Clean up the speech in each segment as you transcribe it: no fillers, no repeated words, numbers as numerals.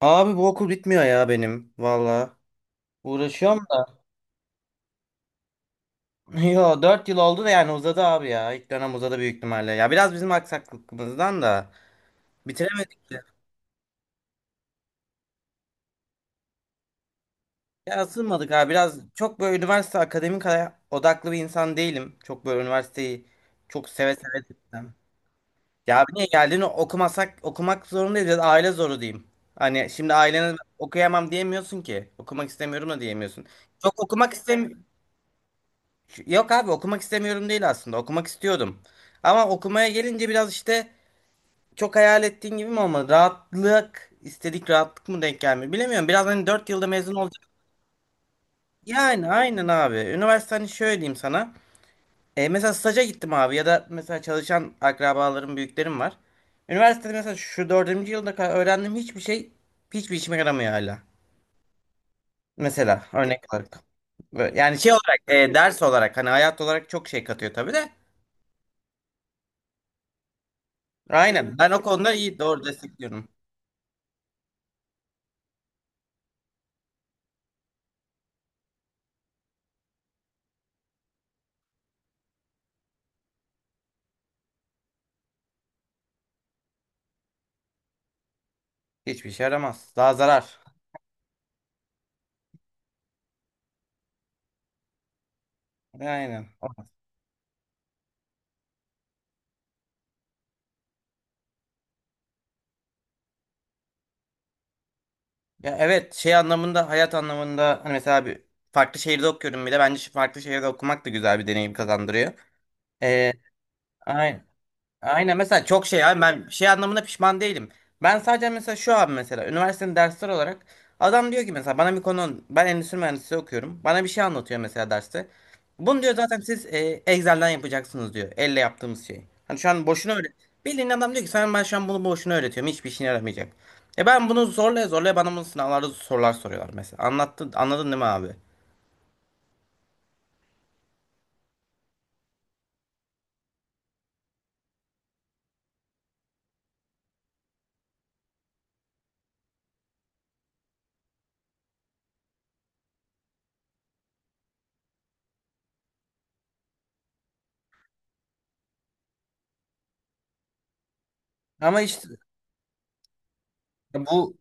Abi bu okul bitmiyor ya benim. Valla. Uğraşıyorum da. Yo, 4 yıl oldu da yani uzadı abi ya. İlk dönem uzadı büyük ihtimalle. Ya biraz bizim aksaklıkımızdan da bitiremedik de. Ya ısınmadık abi biraz. Çok böyle üniversite akademik odaklı bir insan değilim. Çok böyle üniversiteyi çok seve seve gittim. Ya abi niye geldiğini okumasak okumak zorundayız ya da aile zoru diyeyim. Hani şimdi ailene okuyamam diyemiyorsun ki. Okumak istemiyorum da diyemiyorsun. Çok okumak istemiyorum. Yok abi okumak istemiyorum değil aslında. Okumak istiyordum. Ama okumaya gelince biraz işte çok hayal ettiğin gibi mi olmadı? Rahatlık, istedik rahatlık mı denk gelmiyor? Bilemiyorum. Biraz hani 4 yılda mezun olacak. Yani aynen abi. Üniversite hani şöyle diyeyim sana. Mesela staja gittim abi ya da mesela çalışan akrabalarım, büyüklerim var. Üniversitede mesela şu dördüncü yılda kadar öğrendiğim hiçbir şey hiçbir işime yaramıyor hala. Mesela örnek olarak. Yani şey olarak ders olarak hani hayat olarak çok şey katıyor tabii de. Aynen. Ben o konuda iyi doğru destekliyorum. Hiçbir şey yaramaz. Daha zarar. Aynen. Ya evet şey anlamında hayat anlamında hani mesela bir farklı şehirde okuyorum bir de bence şu farklı şehirde okumak da güzel bir deneyim kazandırıyor. Ee, aynen. Aynen mesela çok şey abi ben şey anlamında pişman değilim. Ben sadece mesela şu an mesela üniversitenin dersler olarak adam diyor ki mesela bana bir konu ben endüstri mühendisliği okuyorum. Bana bir şey anlatıyor mesela derste. Bunu diyor zaten siz Excel'den yapacaksınız diyor. Elle yaptığımız şey. Hani şu an boşuna öyle. Bildiğin adam diyor ki sen ben şu an bunu boşuna öğretiyorum. Hiçbir işine yaramayacak. E, ben bunu zorlaya zorlaya bana bunu sınavlarda sorular soruyorlar mesela. Anlattın, anladın değil mi abi? Ama işte bu.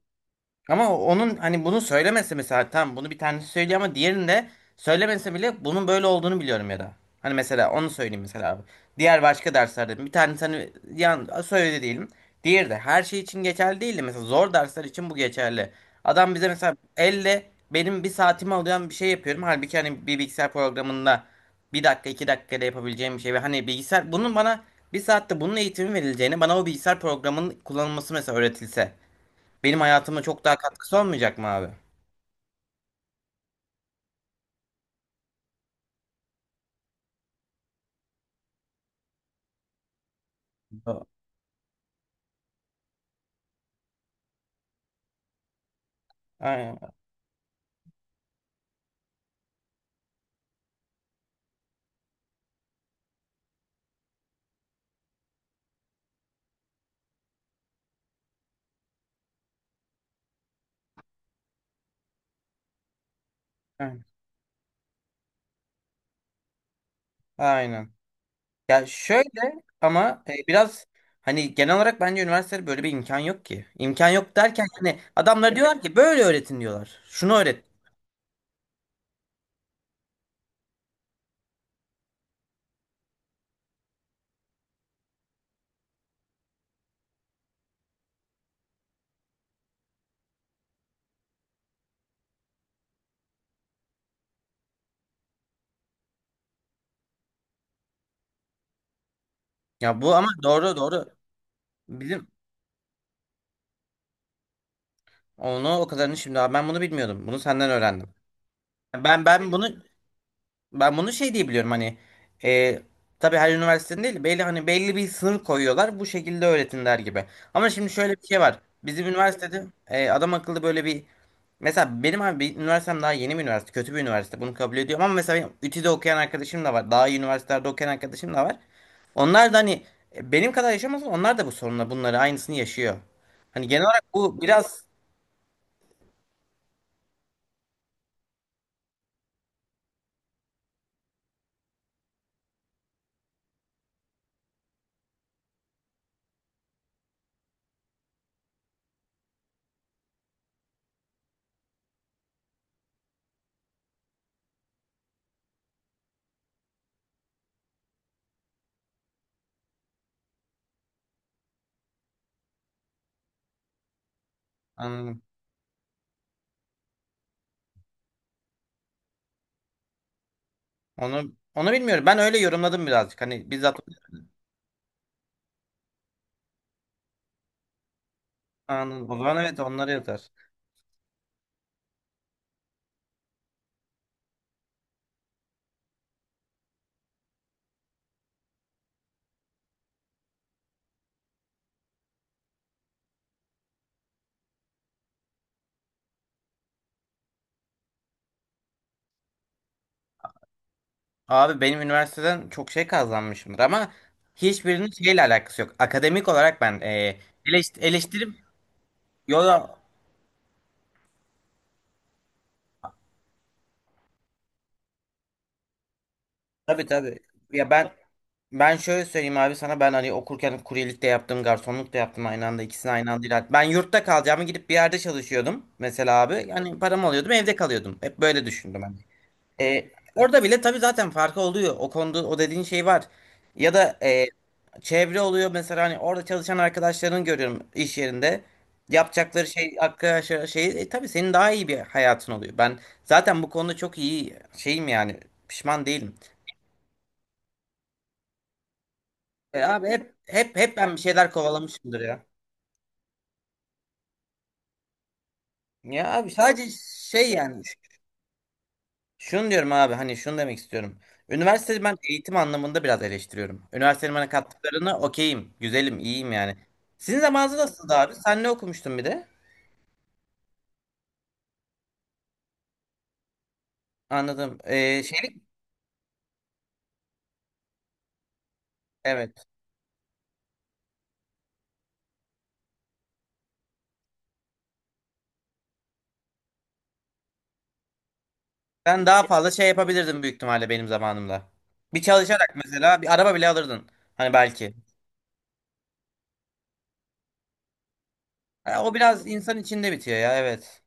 Ama onun hani bunu söylemese mesela tamam bunu bir tanesi söylüyor ama diğerini de söylemese bile bunun böyle olduğunu biliyorum ya da. Hani mesela onu söyleyeyim mesela abi. Diğer başka derslerde bir tanesi hani söyledi diyelim. Diğeri de her şey için geçerli değil de mesela zor dersler için bu geçerli. Adam bize mesela elle benim bir saatimi alıyor bir şey yapıyorum. Halbuki hani bir bilgisayar programında bir dakika 2 dakikada yapabileceğim bir şey. Ve hani bilgisayar bunun bana bir saatte bunun eğitimi verileceğini bana o bilgisayar programının kullanılması mesela öğretilse. Benim hayatıma çok daha katkısı olmayacak mı abi? A- Aynen. Aynen. Aynen. Ya şöyle ama biraz hani genel olarak bence üniversitede böyle bir imkan yok ki. İmkan yok derken hani adamlar diyorlar ki böyle öğretin diyorlar. Şunu öğret. Ya bu ama doğru doğru bilim. Onu o kadarını şimdi abi ben bunu bilmiyordum. Bunu senden öğrendim. Ben Ben bunu şey diye biliyorum hani e, tabii her üniversitenin değil belli hani belli bir sınır koyuyorlar bu şekilde öğretin gibi. Ama şimdi şöyle bir şey var. Bizim üniversitede adam akıllı böyle bir mesela benim abi bir üniversitem daha yeni bir üniversite kötü bir üniversite bunu kabul ediyorum ama mesela benim ÜTÜ'de okuyan arkadaşım da var. Daha iyi üniversitelerde okuyan arkadaşım da var. Onlar da hani benim kadar yaşamasa onlar da bu sorunla bunları aynısını yaşıyor. Hani genel olarak bu biraz. Anladım. Onu bilmiyorum. Ben öyle yorumladım birazcık. Hani bizzat. Anladım. O zaman evet onları yazar. Abi benim üniversiteden çok şey kazanmışımdır ama hiçbirinin şeyle alakası yok. Akademik olarak ben eleştirim. Yo, tabi tabi, ya ben şöyle söyleyeyim abi sana ben hani okurken kuryelik de yaptım garsonluk da yaptım aynı anda ikisini aynı anda ilerledim. Ben yurtta kalacağımı gidip bir yerde çalışıyordum mesela abi yani param alıyordum evde kalıyordum hep böyle düşündüm ben. Orada bile tabii zaten farkı oluyor. O konuda o dediğin şey var. Ya da çevre oluyor mesela hani orada çalışan arkadaşlarını görüyorum iş yerinde. Yapacakları şey arkadaşlar şey tabii senin daha iyi bir hayatın oluyor. Ben zaten bu konuda çok iyi şeyim yani pişman değilim. Abi hep hep hep ben bir şeyler kovalamışımdır ya. Ya abi sadece şey yani. Şunu diyorum abi hani şunu demek istiyorum. Üniversiteyi ben eğitim anlamında biraz eleştiriyorum. Üniversitenin bana kattıklarını okeyim, güzelim, iyiyim yani. Sizin zamanınız nasıldı abi? Sen ne okumuştun bir de? Anladım. Şeylik, evet. Ben daha fazla şey yapabilirdim büyük ihtimalle benim zamanımda. Bir çalışarak mesela bir araba bile alırdın. Hani belki. Ha, o biraz insan içinde bitiyor ya evet.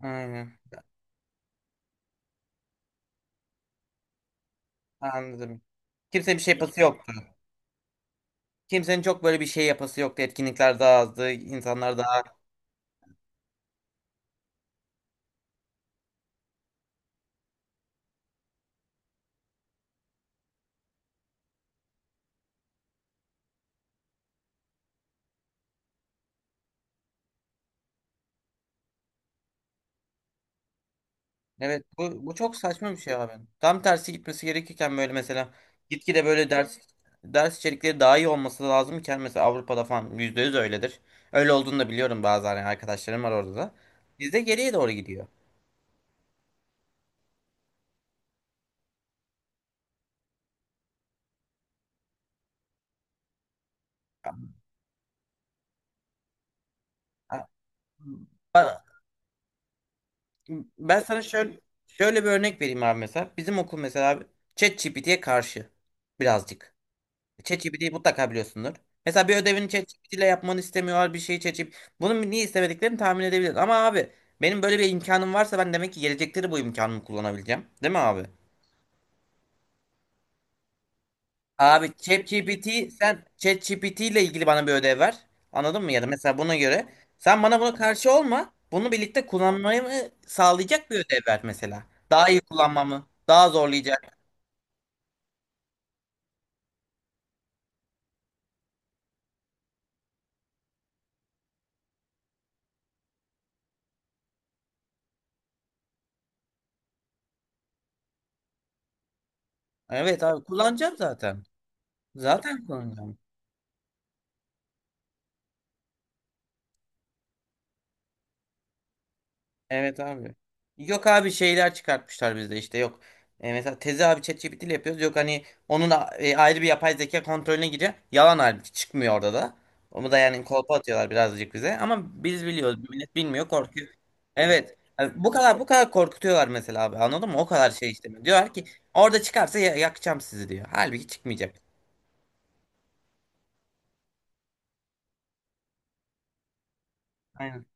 Aynen. Anladım. Kimsenin bir şey yapası yoktu. Kimsenin çok böyle bir şey yapası yoktu. Etkinlikler daha azdı. İnsanlar daha. Evet, bu çok saçma bir şey abi. Tam tersi gitmesi gerekirken böyle mesela gitgide böyle ders içerikleri daha iyi olması lazımken mesela Avrupa'da falan %100 öyledir. Öyle olduğunu da biliyorum bazı yani arkadaşlarım var orada da. Bizde geriye doğru gidiyor. Ba- Ben sana şöyle şöyle bir örnek vereyim abi mesela. Bizim okul mesela abi ChatGPT'ye karşı birazcık. ChatGPT'yi mutlaka biliyorsundur. Mesela bir ödevini ChatGPT ile yapmanı istemiyorlar bir şeyi ChatGPT. Bunun niye istemediklerini tahmin edebiliriz. Ama abi benim böyle bir imkanım varsa ben demek ki gelecekleri bu imkanımı kullanabileceğim. Değil mi abi? Abi ChatGPT sen ChatGPT ile ilgili bana bir ödev ver. Anladın mı? Ya da mesela buna göre sen bana buna karşı olma. Bunu birlikte kullanmayı mı sağlayacak bir ödev ver mesela. Daha iyi kullanmamı, daha zorlayacak. Evet abi kullanacağım zaten. Zaten kullanacağım. Evet abi. Yok abi şeyler çıkartmışlar bizde işte yok. Mesela tezi abi ChatGPT ile yapıyoruz. Yok hani onun ayrı bir yapay zeka kontrolüne giriyor. Yalan halbuki çıkmıyor orada da. Onu da yani kolpa atıyorlar birazcık bize. Ama biz biliyoruz. Millet bilmiyor korkuyor. Evet. Yani bu kadar bu kadar korkutuyorlar mesela abi anladın mı? O kadar şey istemiyor. Diyorlar ki orada çıkarsa yakacağım sizi diyor. Halbuki çıkmayacak. Aynen.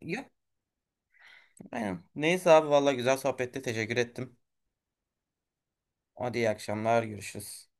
Yok aynen. Neyse abi vallahi güzel sohbette teşekkür ettim. Hadi iyi akşamlar görüşürüz.